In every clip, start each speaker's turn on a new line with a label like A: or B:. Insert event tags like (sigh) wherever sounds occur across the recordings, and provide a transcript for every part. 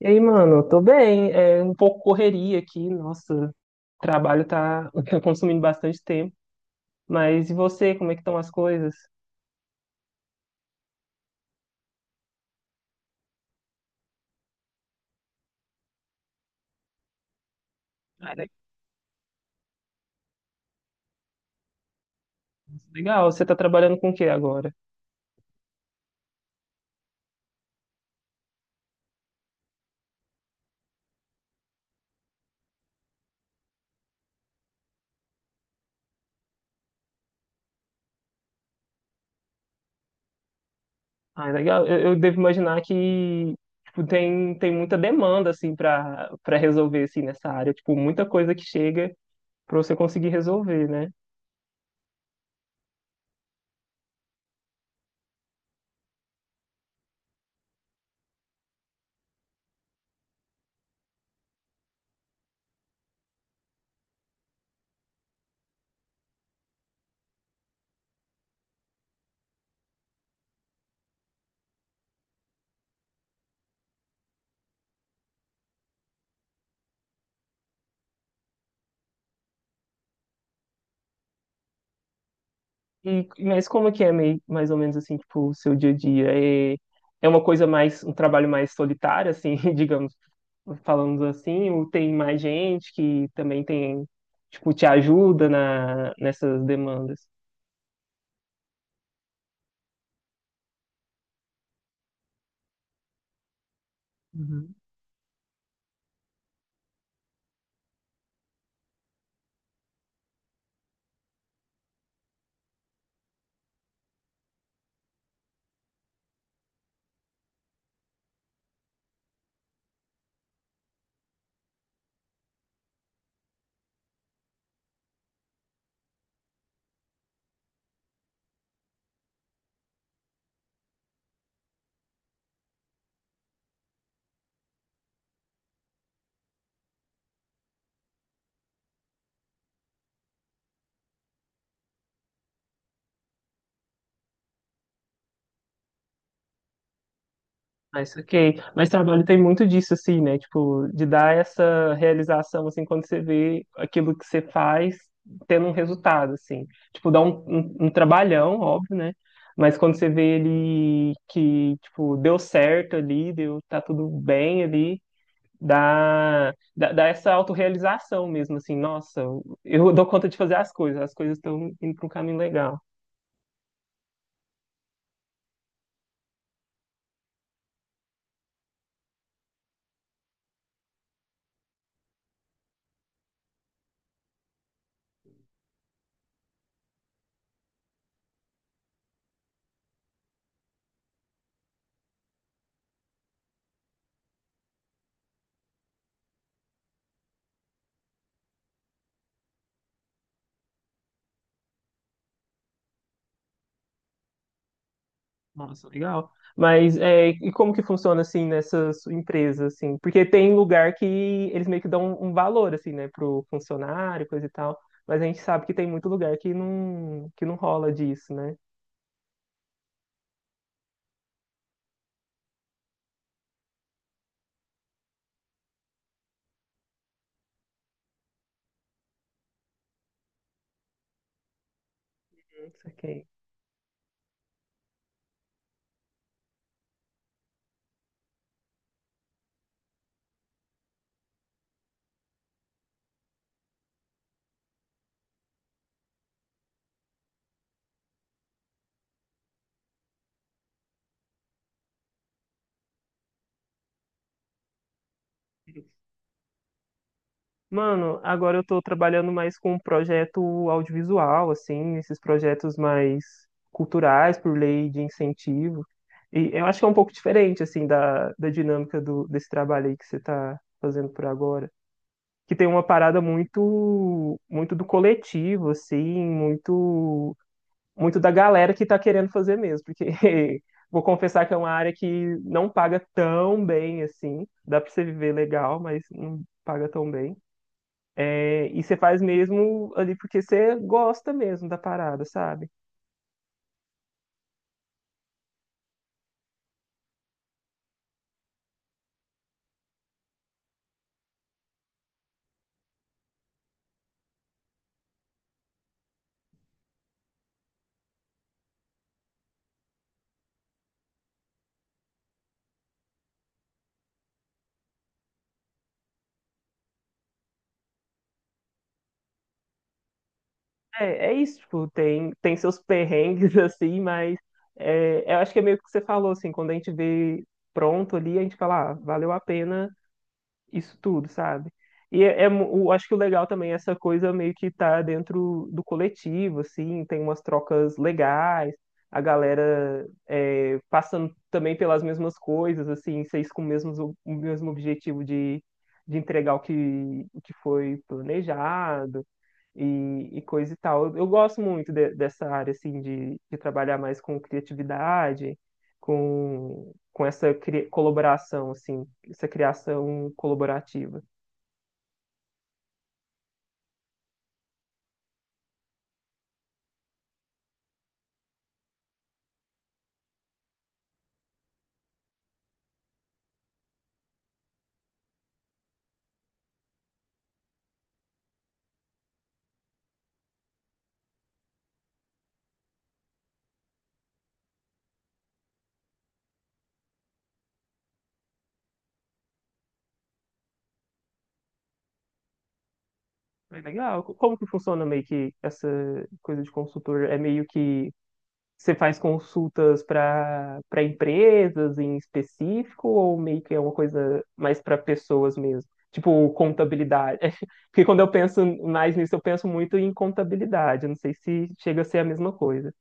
A: E aí, mano, eu tô bem. É um pouco correria aqui, nossa, o trabalho tá, (laughs) tá consumindo bastante tempo. Mas e você, como é que estão as coisas? Ah, le- legal, você tá trabalhando com o que agora? Ah, legal, eu devo imaginar que tipo, tem muita demanda, assim, pra resolver, assim, nessa área. Tipo, muita coisa que chega pra você conseguir resolver, né? E, mas como é que é meio, mais ou menos, assim, tipo, o seu dia a dia? É, é uma coisa mais, um trabalho mais solitário, assim, (laughs) digamos falando assim, ou tem mais gente que também tem, tipo, te ajuda nessas demandas. Uhum. Mas ok. Mas trabalho tem muito disso, assim, né? Tipo, de dar essa realização, assim, quando você vê aquilo que você faz tendo um resultado, assim. Tipo, dá um trabalhão, óbvio, né? Mas quando você vê ele que, tipo, deu certo ali, deu, tá tudo bem ali, dá essa autorrealização mesmo, assim, nossa, eu dou conta de fazer as coisas estão indo para um caminho legal. Nossa, legal. Mas é, e como que funciona assim nessa sua empresa, assim? Porque tem lugar que eles meio que dão um valor, assim, né, pro funcionário, coisa e tal. Mas a gente sabe que tem muito lugar que não rola disso, né? Isso. Mano, agora eu tô trabalhando mais com um projeto audiovisual, assim, esses projetos mais culturais por lei de incentivo. E eu acho que é um pouco diferente, assim, da, da dinâmica do, desse trabalho aí que você tá fazendo por agora. Que tem uma parada muito do coletivo, assim, muito, muito da galera que tá querendo fazer mesmo. Porque (laughs) vou confessar que é uma área que não paga tão bem, assim. Dá pra você viver legal, mas não paga tão bem. É, e você faz mesmo ali porque você gosta mesmo da parada, sabe? É, é isso, tipo, tem, tem seus perrengues (laughs) assim, mas é, eu acho que é meio que você falou, assim, quando a gente vê pronto ali, a gente fala, ah, valeu a pena isso tudo, sabe? Eu acho que o legal também é essa coisa meio que tá dentro do coletivo, assim, tem umas trocas legais, a galera é, passando também pelas mesmas coisas, assim, vocês com o mesmo objetivo de entregar o que foi planejado e coisa e tal. Eu gosto muito dessa área, assim, de trabalhar mais com criatividade, com essa colaboração, assim, essa criação colaborativa. É legal. Como que funciona meio que essa coisa de consultor? É meio que você faz consultas para empresas em específico ou meio que é uma coisa mais para pessoas mesmo? Tipo, contabilidade. (laughs) Porque quando eu penso mais nisso, eu penso muito em contabilidade. Eu não sei se chega a ser a mesma coisa.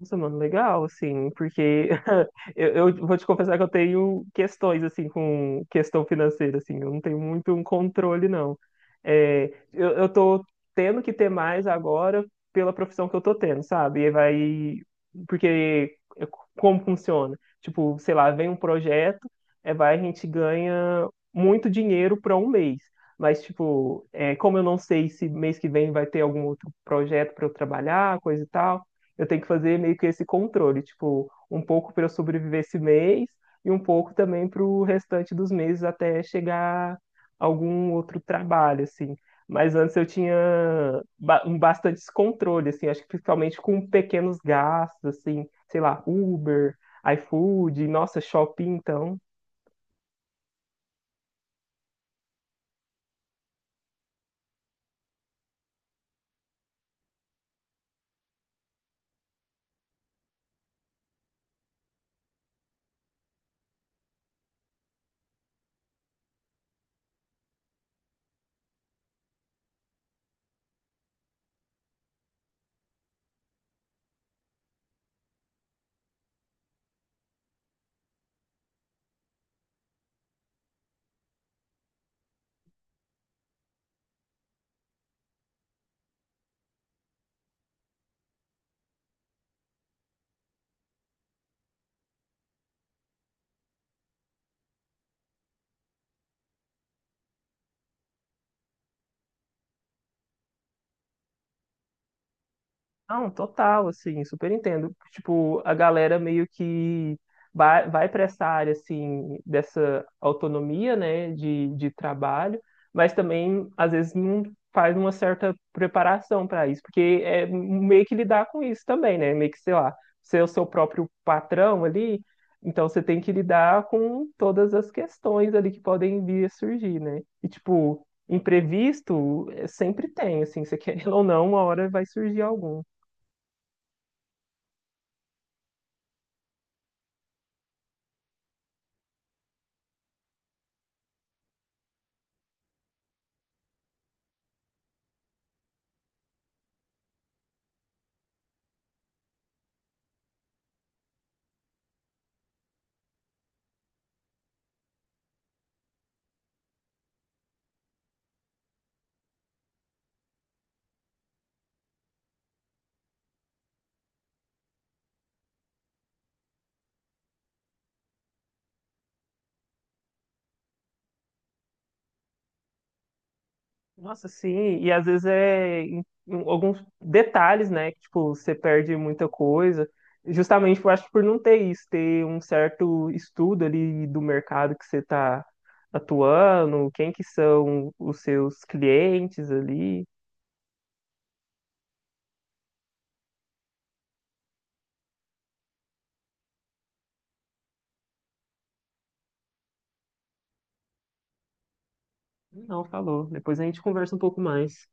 A: Nossa, mano, legal, assim, porque (laughs) eu vou te confessar que eu tenho questões, assim, com questão financeira, assim, eu não tenho muito um controle, não. É, eu tô tendo que ter mais agora pela profissão que eu tô tendo, sabe? E vai, porque como funciona? Tipo, sei lá, vem um projeto, é, vai, a gente ganha muito dinheiro para um mês. Mas, tipo, é, como eu não sei se mês que vem vai ter algum outro projeto para eu trabalhar, coisa e tal, eu tenho que fazer meio que esse controle, tipo, um pouco para eu sobreviver esse mês e um pouco também para o restante dos meses até chegar algum outro trabalho, assim. Mas antes eu tinha um bastante descontrole, assim, acho que principalmente com pequenos gastos, assim, sei lá, Uber, iFood, nossa, shopping, então. Não, total, assim, super entendo. Tipo, a galera meio que vai para essa área, assim, dessa autonomia, né, de trabalho, mas também, às vezes, não faz uma certa preparação para isso, porque é meio que lidar com isso também, né, meio que, sei lá, ser o seu próprio patrão ali, então você tem que lidar com todas as questões ali que podem vir a surgir, né, e, tipo, imprevisto sempre tem, assim, você (laughs) querendo ou não, uma hora vai surgir algum. Nossa, sim, e às vezes é em alguns detalhes, né? Que, tipo, você perde muita coisa. Justamente, eu acho que por não ter isso, ter um certo estudo ali do mercado que você está atuando, quem que são os seus clientes ali. Não, falou. Depois a gente conversa um pouco mais.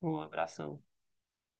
A: Um abração.